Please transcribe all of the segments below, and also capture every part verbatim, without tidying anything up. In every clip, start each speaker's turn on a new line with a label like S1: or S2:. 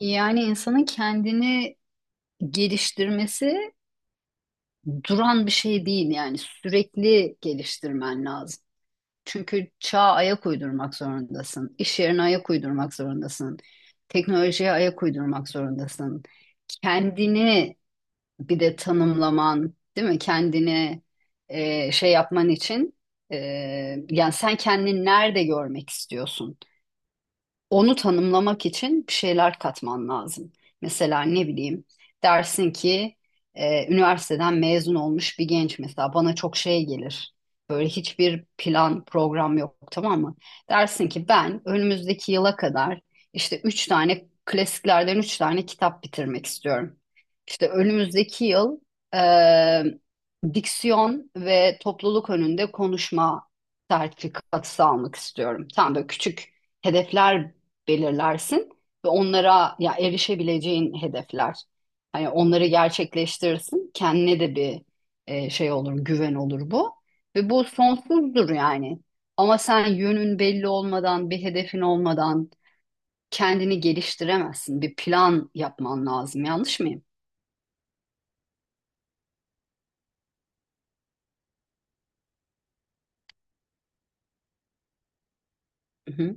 S1: Yani insanın kendini geliştirmesi duran bir şey değil yani sürekli geliştirmen lazım. Çünkü çağa ayak uydurmak zorundasın, iş yerine ayak uydurmak zorundasın, teknolojiye ayak uydurmak zorundasın. Kendini bir de tanımlaman, değil mi? Kendini e, şey yapman için e, yani sen kendini nerede görmek istiyorsun? Onu tanımlamak için bir şeyler katman lazım. Mesela ne bileyim dersin ki e, üniversiteden mezun olmuş bir genç mesela bana çok şey gelir. Böyle hiçbir plan program yok tamam mı? Dersin ki ben önümüzdeki yıla kadar işte üç tane klasiklerden üç tane kitap bitirmek istiyorum. İşte önümüzdeki yıl e, diksiyon ve topluluk önünde konuşma sertifikası almak istiyorum. Tam böyle küçük hedefler belirlersin ve onlara ya erişebileceğin hedefler. Hani onları gerçekleştirirsin. Kendine de bir e, şey olur, güven olur bu. Ve bu sonsuzdur yani. Ama sen yönün belli olmadan, bir hedefin olmadan kendini geliştiremezsin. Bir plan yapman lazım. Yanlış mıyım? Hı hı,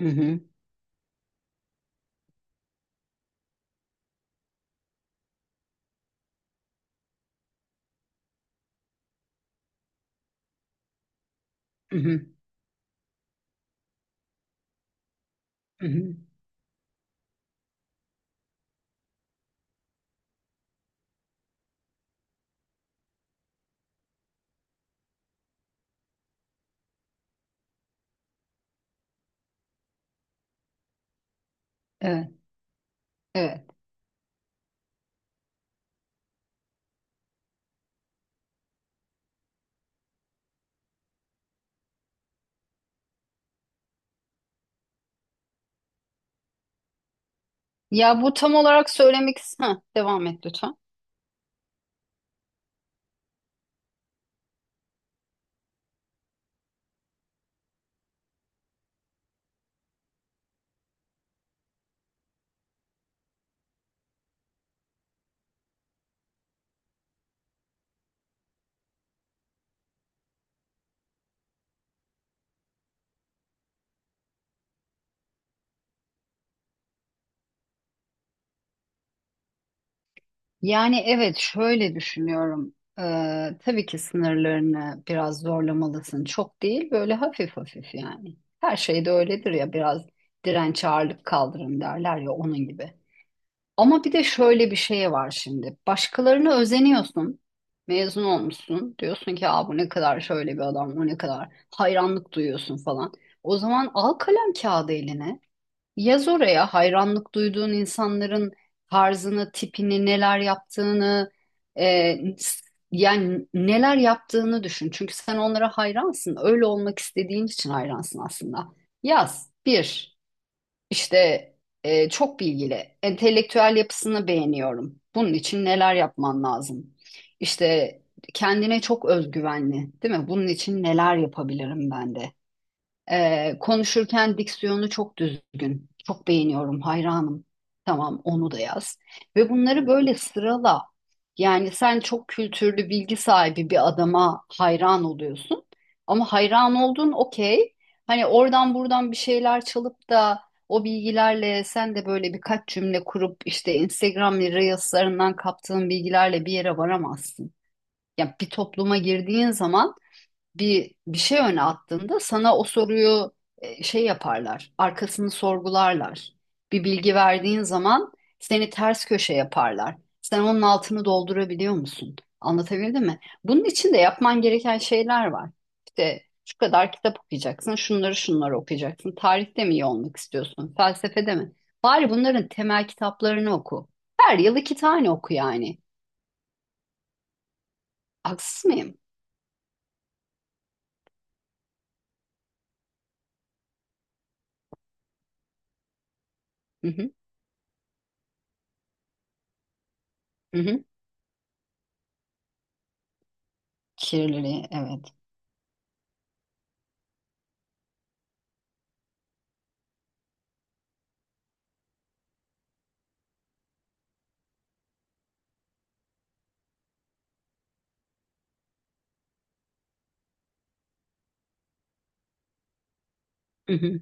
S1: hı hı, hı hı, hı hı. Evet, evet. Ya bu tam olarak söylemek... Heh, devam et lütfen. Yani evet şöyle düşünüyorum. Ee, tabii ki sınırlarını biraz zorlamalısın. Çok değil böyle hafif hafif yani. Her şey de öyledir ya biraz direnç ağırlık kaldırın derler ya onun gibi. Ama bir de şöyle bir şey var şimdi. Başkalarına özeniyorsun. Mezun olmuşsun. Diyorsun ki: "Aa, bu ne kadar şöyle bir adam, bu ne kadar hayranlık duyuyorsun" falan. O zaman al kalem kağıdı eline. Yaz oraya hayranlık duyduğun insanların tarzını, tipini, neler yaptığını, e, yani neler yaptığını düşün. Çünkü sen onlara hayransın. Öyle olmak istediğin için hayransın aslında. Yaz bir işte e, çok bilgili, entelektüel yapısını beğeniyorum. Bunun için neler yapman lazım? İşte kendine çok özgüvenli, değil mi? Bunun için neler yapabilirim ben de? Ee, konuşurken diksiyonu çok düzgün. Çok beğeniyorum, hayranım. Tamam, onu da yaz. Ve bunları böyle sırala. Yani sen çok kültürlü, bilgi sahibi bir adama hayran oluyorsun. Ama hayran oldun, okey. Hani oradan buradan bir şeyler çalıp da o bilgilerle sen de böyle birkaç cümle kurup işte Instagram Reels'larından kaptığın bilgilerle bir yere varamazsın. Yani bir topluma girdiğin zaman bir bir şey öne attığında sana o soruyu e, şey yaparlar. Arkasını sorgularlar. Bir bilgi verdiğin zaman seni ters köşe yaparlar. Sen onun altını doldurabiliyor musun? Anlatabildim mi? Bunun için de yapman gereken şeyler var. İşte şu kadar kitap okuyacaksın, şunları şunları okuyacaksın. Tarihte mi iyi olmak istiyorsun, felsefede mi? Bari bunların temel kitaplarını oku. Her yıl iki tane oku yani. Haksız mıyım? Hı hı, hı hı. Kirliliği, evet. Hı hı,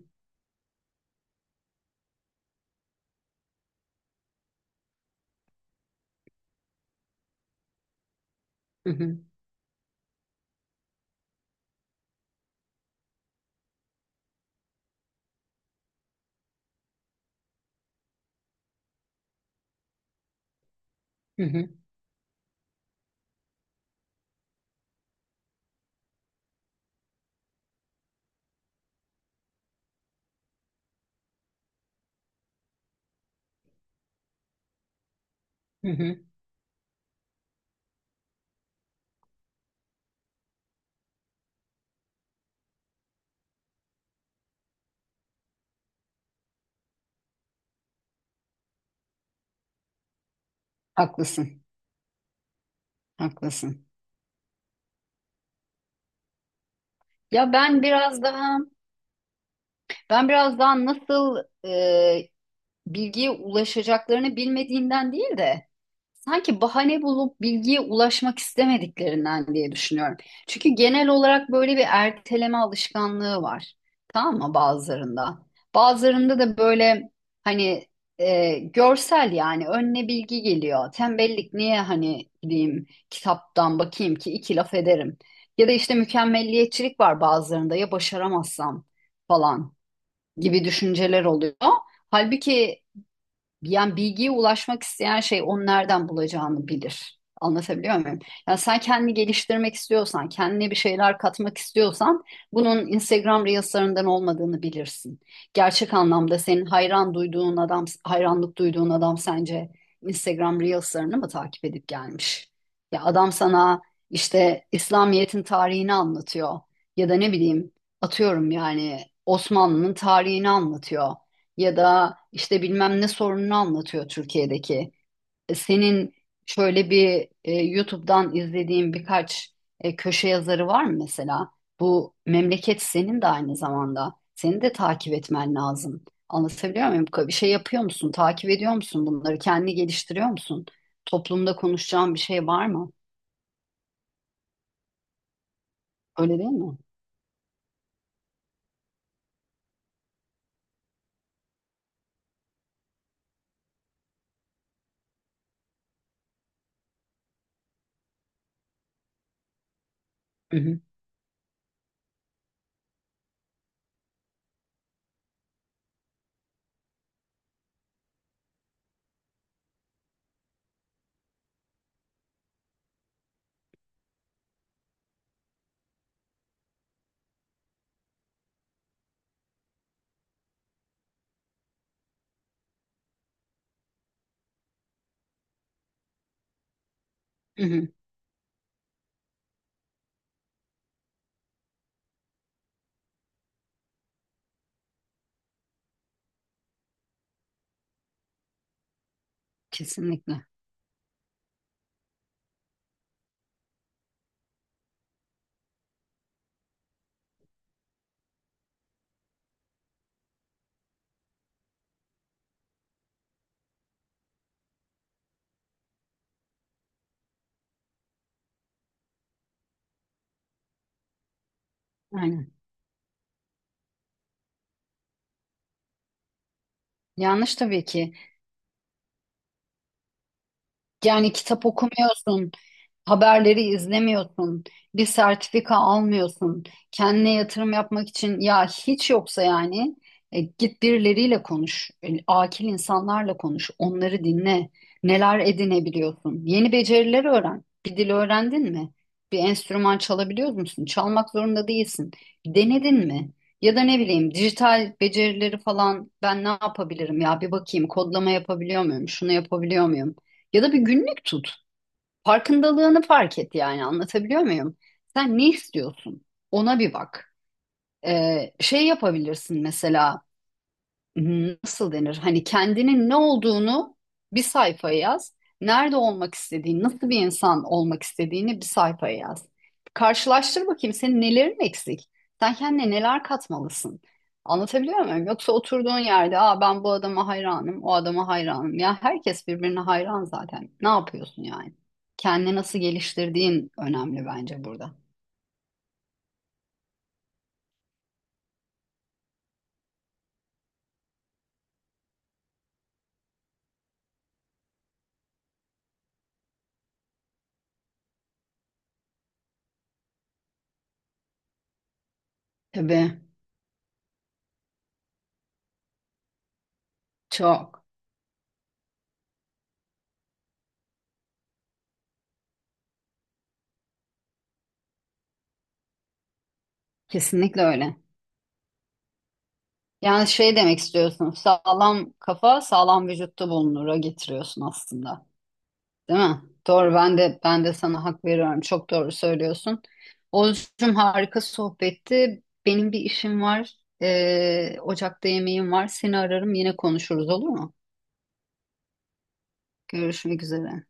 S1: hı hı. Hı hı, hı hı. Haklısın, haklısın. Ya ben biraz daha, ben biraz daha nasıl e, bilgiye ulaşacaklarını bilmediğinden değil de sanki bahane bulup bilgiye ulaşmak istemediklerinden diye düşünüyorum. Çünkü genel olarak böyle bir erteleme alışkanlığı var. Tamam mı bazılarında? Bazılarında da böyle hani e, görsel yani önüne bilgi geliyor. Tembellik niye hani gideyim kitaptan bakayım ki iki laf ederim. Ya da işte mükemmelliyetçilik var bazılarında ya başaramazsam falan gibi düşünceler oluyor. Halbuki yani bilgiye ulaşmak isteyen şey onu nereden bulacağını bilir. Anlatabiliyor muyum? Yani sen kendini geliştirmek istiyorsan, kendine bir şeyler katmak istiyorsan bunun Instagram Reels'larından olmadığını bilirsin. Gerçek anlamda senin hayran duyduğun adam, hayranlık duyduğun adam sence Instagram Reels'larını mı takip edip gelmiş? Ya adam sana işte İslamiyet'in tarihini anlatıyor ya da ne bileyim atıyorum yani Osmanlı'nın tarihini anlatıyor ya da işte bilmem ne sorununu anlatıyor Türkiye'deki. E, Senin şöyle bir e, YouTube'dan izlediğin birkaç e, köşe yazarı var mı mesela? Bu memleket senin de aynı zamanda. Seni de takip etmen lazım. Anlatabiliyor muyum? Bir şey yapıyor musun? Takip ediyor musun bunları? Kendini geliştiriyor musun? Toplumda konuşacağın bir şey var mı? Öyle değil mi? Hı hı. Hı hı. Kesinlikle. Aynen. Yanlış tabii ki. Yani kitap okumuyorsun, haberleri izlemiyorsun, bir sertifika almıyorsun, kendine yatırım yapmak için ya hiç yoksa yani e, git birileriyle konuş, e, akil insanlarla konuş, onları dinle, neler edinebiliyorsun, yeni beceriler öğren. Bir dil öğrendin mi? Bir enstrüman çalabiliyor musun? Çalmak zorunda değilsin. Denedin mi? Ya da ne bileyim dijital becerileri falan ben ne yapabilirim ya bir bakayım kodlama yapabiliyor muyum, şunu yapabiliyor muyum? Ya da bir günlük tut. Farkındalığını fark et yani anlatabiliyor muyum? Sen ne istiyorsun? Ona bir bak. Ee, şey yapabilirsin mesela. Hmm, Nasıl denir? Hani kendinin ne olduğunu bir sayfaya yaz. Nerede olmak istediğini, nasıl bir insan olmak istediğini bir sayfaya yaz. Karşılaştır bakayım senin nelerin eksik? Sen kendine neler katmalısın? Anlatabiliyor muyum? Yoksa oturduğun yerde: "Aa, ben bu adama hayranım, o adama hayranım." Ya herkes birbirine hayran zaten. Ne yapıyorsun yani? Kendini nasıl geliştirdiğin önemli bence burada. Tabii, çok. Kesinlikle öyle. Yani şey demek istiyorsun. Sağlam kafa sağlam vücutta bulunura getiriyorsun aslında. Değil mi? Doğru, ben de ben de sana hak veriyorum. Çok doğru söylüyorsun. Oğuzcum harika sohbetti. Benim bir işim var. Ee, ocakta yemeğim var. Seni ararım yine konuşuruz olur mu? Görüşmek üzere.